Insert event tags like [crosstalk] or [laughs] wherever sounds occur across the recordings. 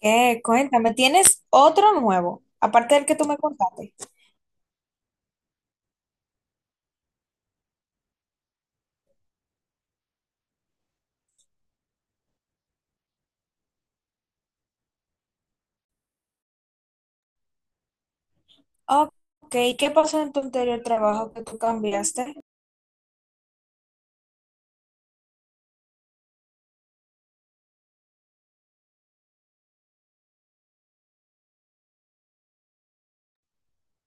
¿Qué? Cuéntame, ¿tienes otro nuevo, aparte del que tú me contaste? Ok, ¿qué pasó en tu anterior trabajo que tú cambiaste?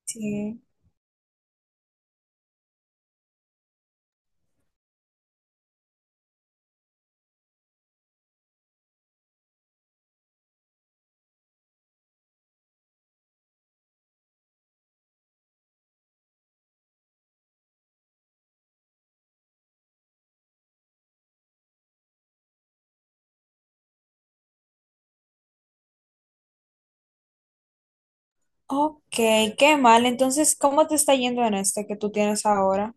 Sí. Ok, qué mal. Entonces, ¿cómo te está yendo en este que tú tienes ahora?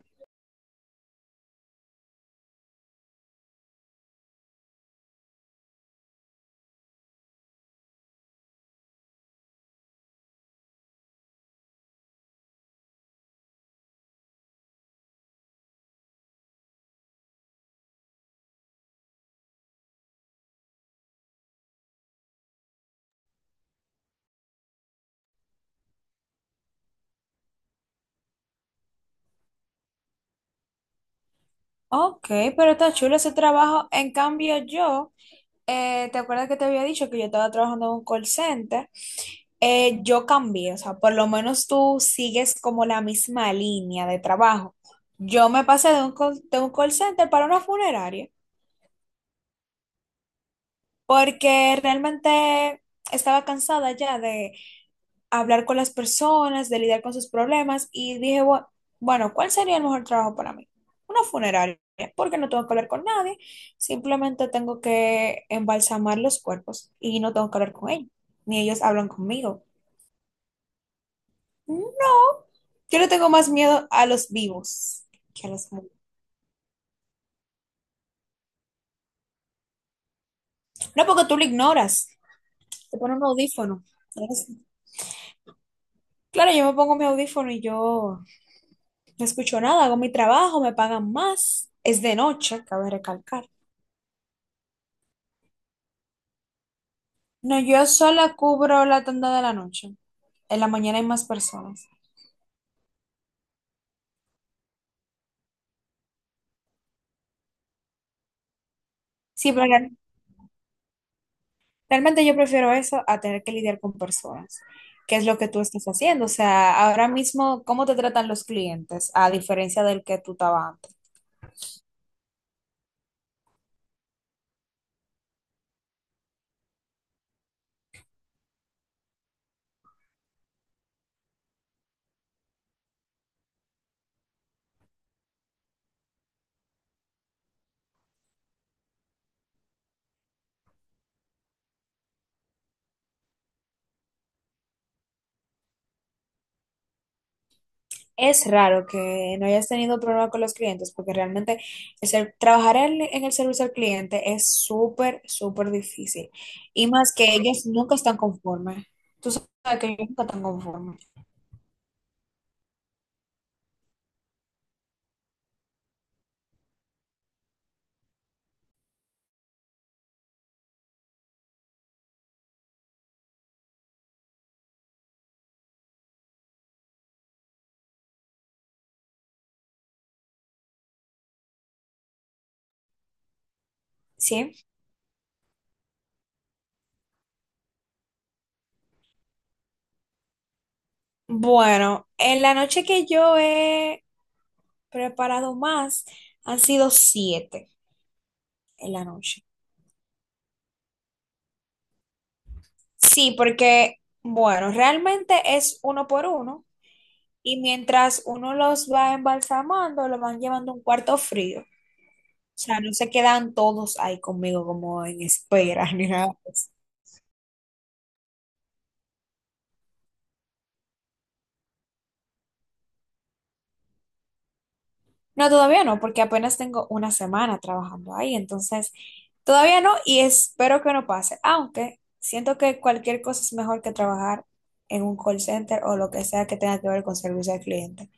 Ok, pero está chulo ese trabajo. En cambio, yo, ¿te acuerdas que te había dicho que yo estaba trabajando en un call center? Yo cambié, o sea, por lo menos tú sigues como la misma línea de trabajo. Yo me pasé de un call center para una funeraria. Porque realmente estaba cansada ya de hablar con las personas, de lidiar con sus problemas y dije, bueno, ¿cuál sería el mejor trabajo para mí? Una funeraria, porque no tengo que hablar con nadie, simplemente tengo que embalsamar los cuerpos y no tengo que hablar con ellos, ni ellos hablan conmigo". No, yo le tengo más miedo a los vivos que a los muertos. No, porque tú lo ignoras, te pones un audífono. Entonces, claro, yo me pongo mi audífono y yo no escucho nada, hago mi trabajo, me pagan más. Es de noche, cabe recalcar. No, yo sola cubro la tanda de la noche. En la mañana hay más personas. Sí, pero realmente yo prefiero eso a tener que lidiar con personas, que es lo que tú estás haciendo. O sea, ahora mismo, ¿cómo te tratan los clientes a diferencia del que tú estabas antes? Es raro que no hayas tenido problema con los clientes, porque realmente trabajar en el servicio al cliente es súper, súper difícil. Y más que ellos nunca están conformes. Tú sabes que ellos nunca están conformes. Sí. Bueno, en la noche que yo he preparado más, han sido siete en la noche. Sí, porque, bueno, realmente es uno por uno. Y mientras uno los va embalsamando, los van llevando a un cuarto frío. O sea, no se quedan todos ahí conmigo como en espera [laughs] ni nada de eso. No, todavía no, porque apenas tengo una semana trabajando ahí, entonces todavía no y espero que no pase, aunque siento que cualquier cosa es mejor que trabajar en un call center o lo que sea que tenga que ver con servicio al cliente.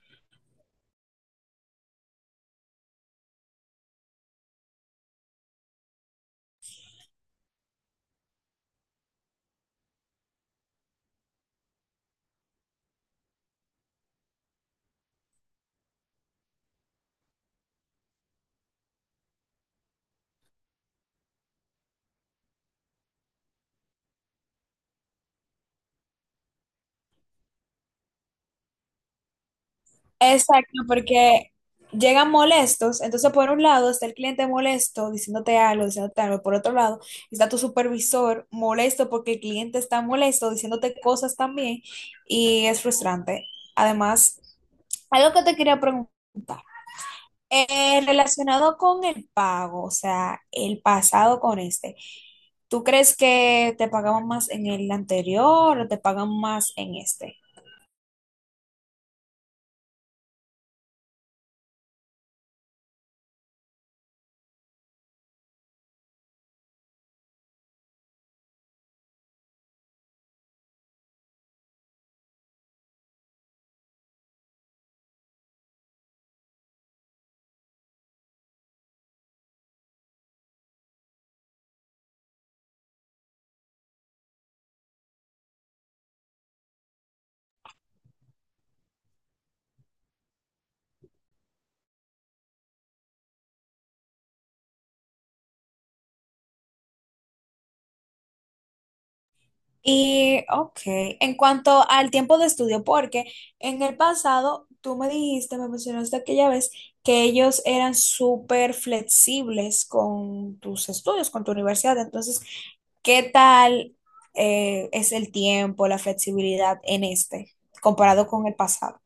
Exacto, porque llegan molestos, entonces por un lado está el cliente molesto diciéndote algo, por otro lado está tu supervisor molesto porque el cliente está molesto diciéndote cosas también y es frustrante. Además, algo que te quería preguntar, relacionado con el pago, o sea, el pasado con este, ¿tú crees que te pagaban más en el anterior o te pagan más en este? Y, ok, en cuanto al tiempo de estudio, porque en el pasado tú me dijiste, me mencionaste aquella vez que ellos eran súper flexibles con tus estudios, con tu universidad. Entonces, ¿qué tal es el tiempo, la flexibilidad en este, comparado con el pasado?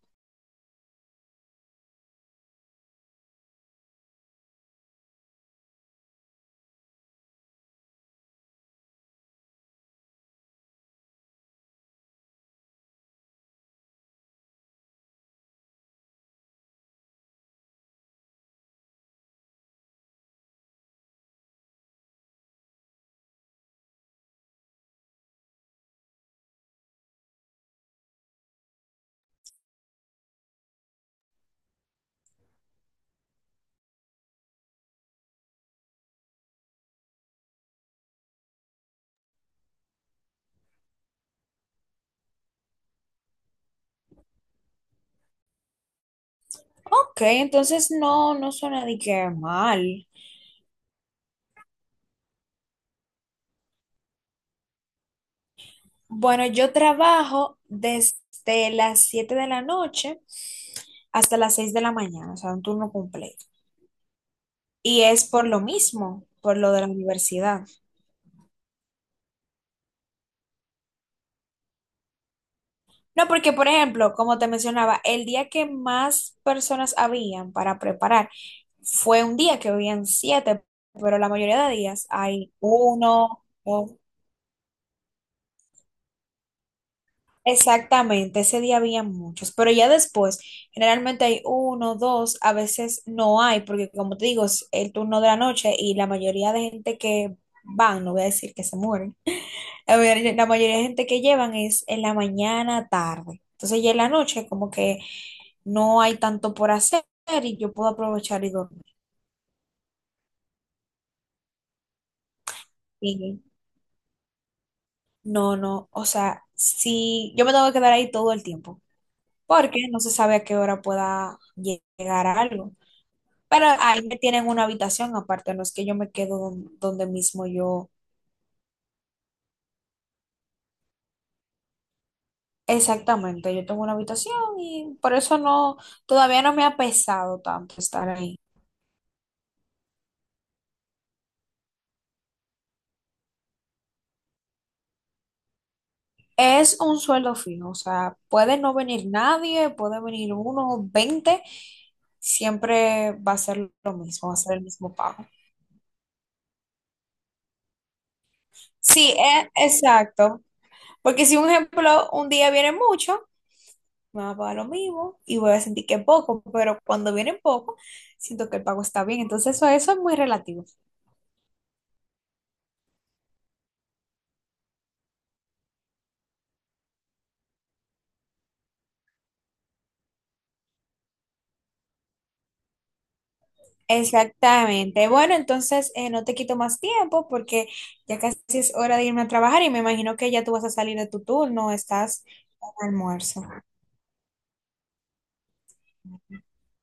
Ok, entonces no, no suena de que mal. Bueno, yo trabajo desde las 7 de la noche hasta las 6 de la mañana, o sea, un turno completo. Y es por lo mismo, por lo de la universidad. No, porque, por ejemplo, como te mencionaba, el día que más personas habían para preparar fue un día que habían siete, pero la mayoría de días hay uno, dos. Exactamente, ese día había muchos, pero ya después, generalmente hay uno, dos, a veces no hay, porque como te digo, es el turno de la noche y la mayoría de gente que van, no voy a decir que se mueren, la mayoría de gente que llevan es en la mañana, tarde. Entonces ya en la noche como que no hay tanto por hacer y yo puedo aprovechar y dormir. Y no, no, o sea, si yo me tengo que quedar ahí todo el tiempo, porque no se sabe a qué hora pueda llegar algo. Pero ahí me tienen una habitación aparte, no es que yo me quedo donde mismo yo. Exactamente, yo tengo una habitación y por eso no, todavía no me ha pesado tanto estar ahí. Es un sueldo fijo, o sea, puede no venir nadie, puede venir uno, 20, siempre va a ser lo mismo, va a ser el mismo pago. Sí, exacto, porque si un ejemplo, un día viene mucho, me va a pagar lo mismo y voy a sentir que es poco, pero cuando viene poco, siento que el pago está bien. Entonces, eso es muy relativo. Exactamente. Bueno, entonces no te quito más tiempo porque ya casi es hora de irme a trabajar y me imagino que ya tú vas a salir de tu turno, estás en almuerzo.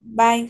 Bye.